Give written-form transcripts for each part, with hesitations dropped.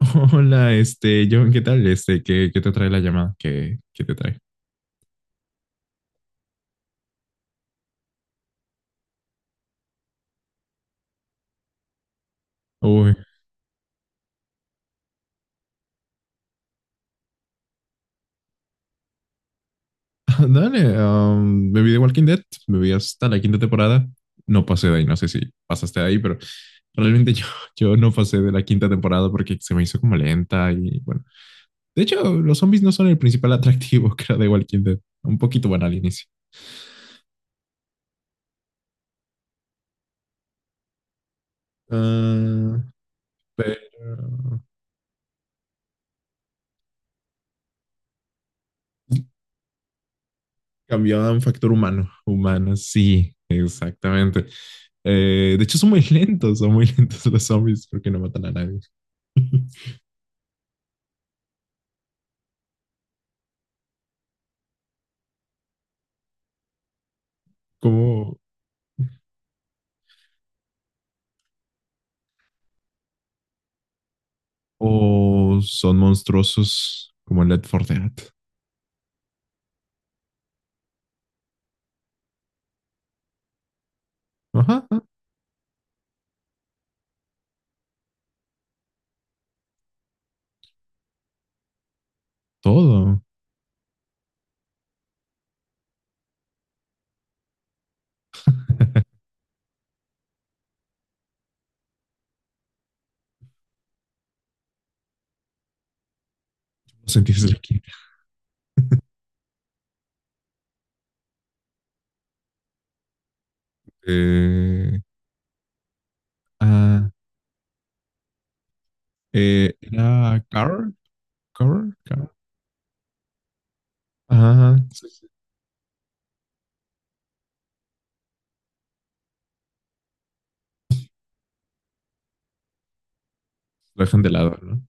Hola, John, ¿qué tal? ¿ qué te trae la llamada? ¿ qué te trae? Uy, dale, me vi de Walking Dead, me vi hasta la quinta temporada, no pasé de ahí, no sé si pasaste de ahí, pero realmente yo no pasé de la quinta temporada porque se me hizo como lenta y bueno. De hecho, los zombies no son el principal atractivo que era de Walking Dead, un poquito bueno al inicio. Ah, pero... Cambió a un factor humano. Humano, sí, exactamente. De hecho, son muy lentos, son muy lentos los zombies porque no matan a nadie. Como, o son monstruosos como en Left 4 Dead. Ajá, todo. Sentís el aquí. Eh, ah, eh, era Carl. Ajá, sí, sí. Lo dejan de lado, ¿no?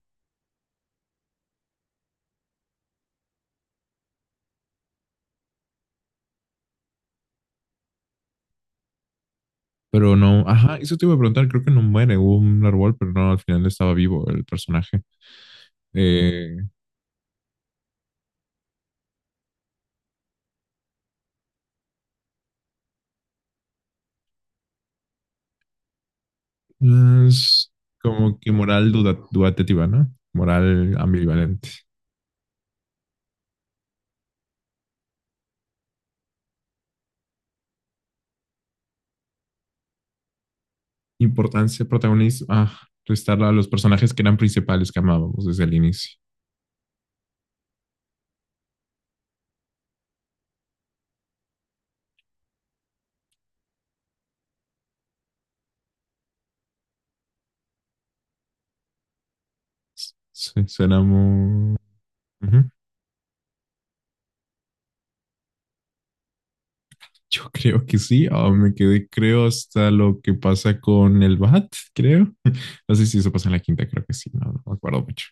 Pero no, ajá, eso te iba a preguntar, creo que no muere, hubo un árbol, pero no, al final estaba vivo el personaje. Eh, No es como que moral dudativa, ¿no? Moral ambivalente. Importancia, protagonismo. Ah, restar a los personajes que eran principales que amábamos desde el inicio. Suena muy... Ujú. Yo creo que sí. Ah, me quedé, creo, hasta lo que pasa con el Bat, creo. No sé si eso pasa en la quinta, creo que sí. No, no me acuerdo mucho.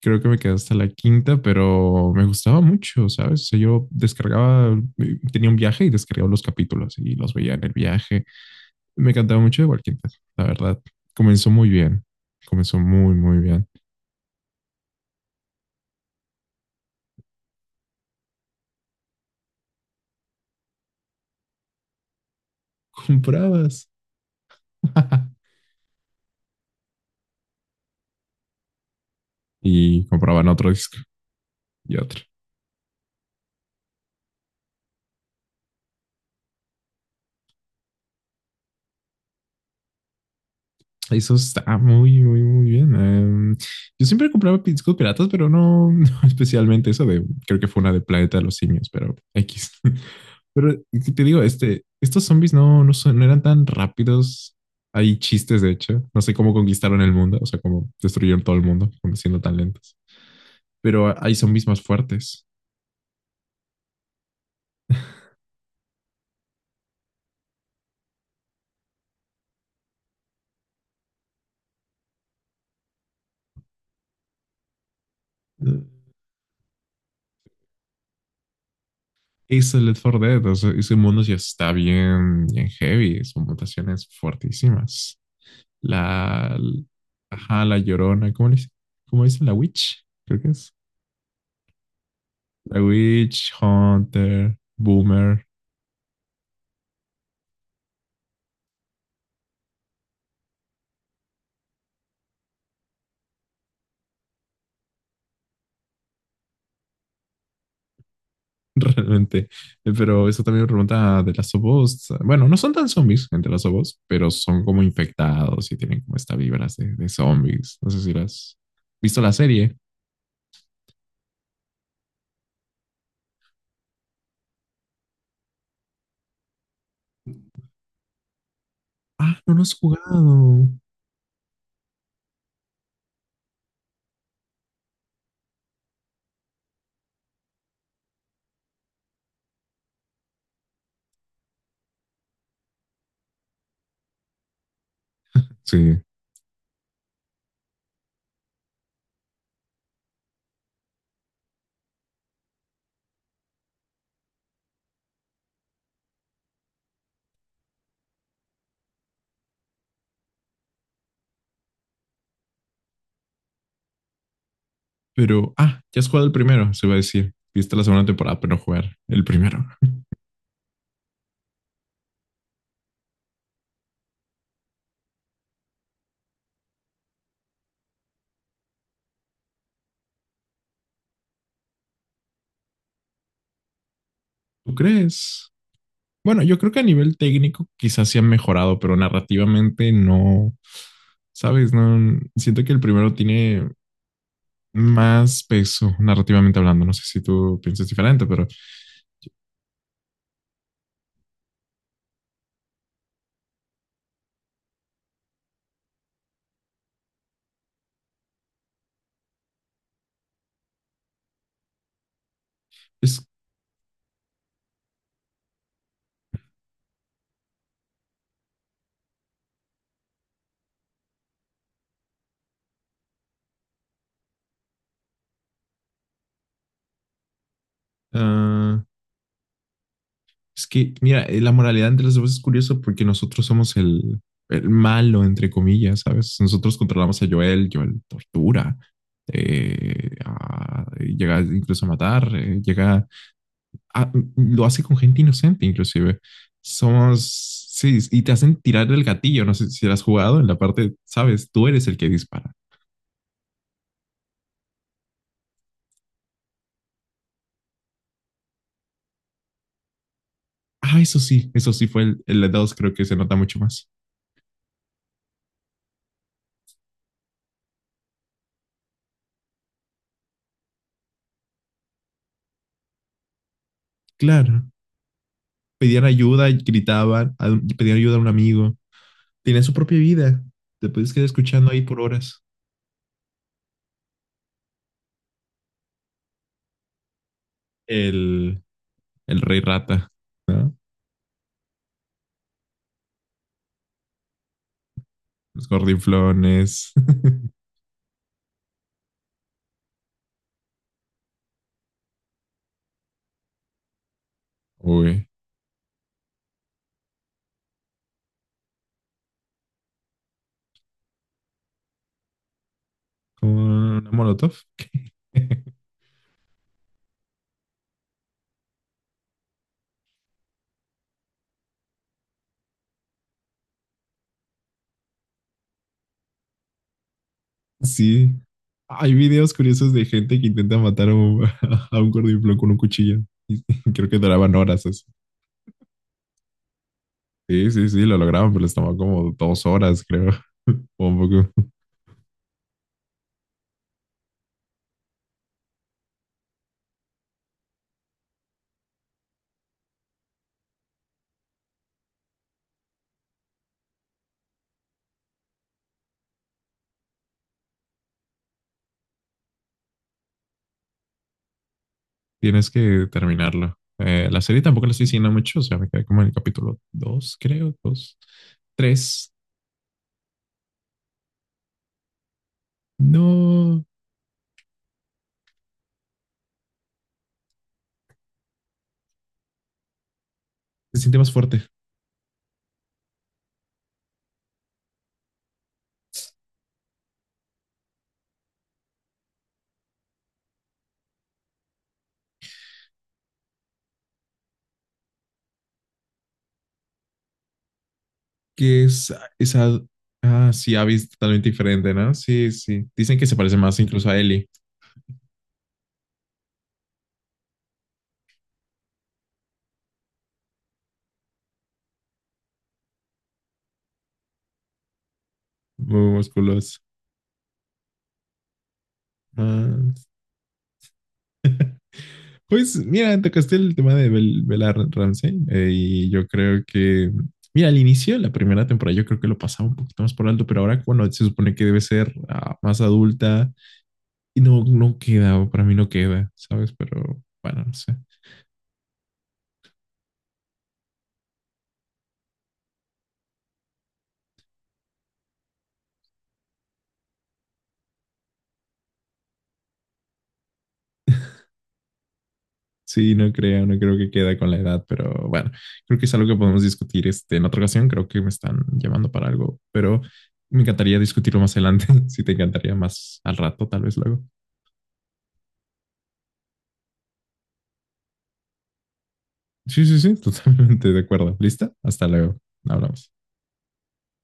Creo que me quedé hasta la quinta, pero me gustaba mucho, ¿sabes? O sea, yo descargaba, tenía un viaje y descargaba los capítulos y los veía en el viaje. Me encantaba mucho de Walking Dead, la verdad. Comenzó muy bien. Comenzó muy, muy bien. Comprabas. Y compraban otro disco y otro. Eso está muy, muy, muy bien. Em, yo siempre compraba discos piratas, pero no, no especialmente eso de, creo que fue una de Planeta de los Simios, pero X. Pero te digo, estos zombies no, no eran tan rápidos. Hay chistes, de hecho. No sé cómo conquistaron el mundo, o sea, cómo destruyeron todo el mundo siendo tan lentos. Pero hay zombies más fuertes. Hizo el Left 4 Dead, o sea, ese mundo ya está bien, bien heavy, son mutaciones fuertísimas. La, ajá, la Llorona, ¿cómo le dice? ¿Cómo dice? La Witch, creo que es. La Witch, Hunter, Boomer, realmente. Pero eso también me pregunta de las Us. Bueno, no son tan zombies entre las Us, pero son como infectados y tienen como esta vibras de zombies. No sé si las has visto la serie. Ah, no, no has jugado. Sí, pero, ah, ya has jugado el primero, se va a decir. Viste la segunda temporada, pero no jugar el primero. ¿Tú crees? Bueno, yo creo que a nivel técnico quizás sí han mejorado, pero narrativamente no. ¿Sabes? No, siento que el primero tiene más peso narrativamente hablando. No sé si tú piensas diferente, pero es, uh, es que, mira, la moralidad entre los dos es curioso porque nosotros somos el malo, entre comillas, ¿sabes? Nosotros controlamos a Joel, Joel tortura, llega incluso a matar, lo hace con gente inocente, inclusive. Somos, sí, y te hacen tirar el gatillo, no sé si lo has jugado en la parte, ¿sabes? Tú eres el que dispara. Ah, eso sí fue el 2, creo que se nota mucho más. Claro, pedían ayuda, gritaban, pedían ayuda a un amigo. Tenía su propia vida. Te puedes quedar escuchando ahí por horas. El, el Rey Rata, ¿no? Los gordinflones. Uy. ¿Una molotov? Sí. Hay videos curiosos de gente que intenta matar a un, a un gordinflón con un cuchillo. Y creo que duraban horas así. Sí, sí, sí, lo lograban, pero les tomó como dos horas, creo. O un poco. Tienes que terminarlo. La serie tampoco la estoy siguiendo mucho, o sea, me quedé como en el capítulo 2, creo, 2, 3. No, se siente más fuerte. Que es esa... Ah, sí, Abby es totalmente diferente, ¿no? Sí, sí. Dicen que se parece más incluso a Ellie, muy musculoso. Ah, pues mira, tocaste el tema de Bella Ramsey, y yo creo que, mira, al inicio de la primera temporada yo creo que lo pasaba un poquito más por alto, pero ahora cuando se supone que debe ser ah, más adulta, y no, no queda, para mí no queda, ¿sabes? Pero bueno, no sé. Sí, no creo, no creo que queda con la edad, pero bueno, creo que es algo que podemos discutir en otra ocasión. Creo que me están llamando para algo, pero me encantaría discutirlo más adelante. Si te encantaría más al rato, tal vez luego. Sí, sí, sí, totalmente de acuerdo. ¿Lista? Hasta luego. Hablamos.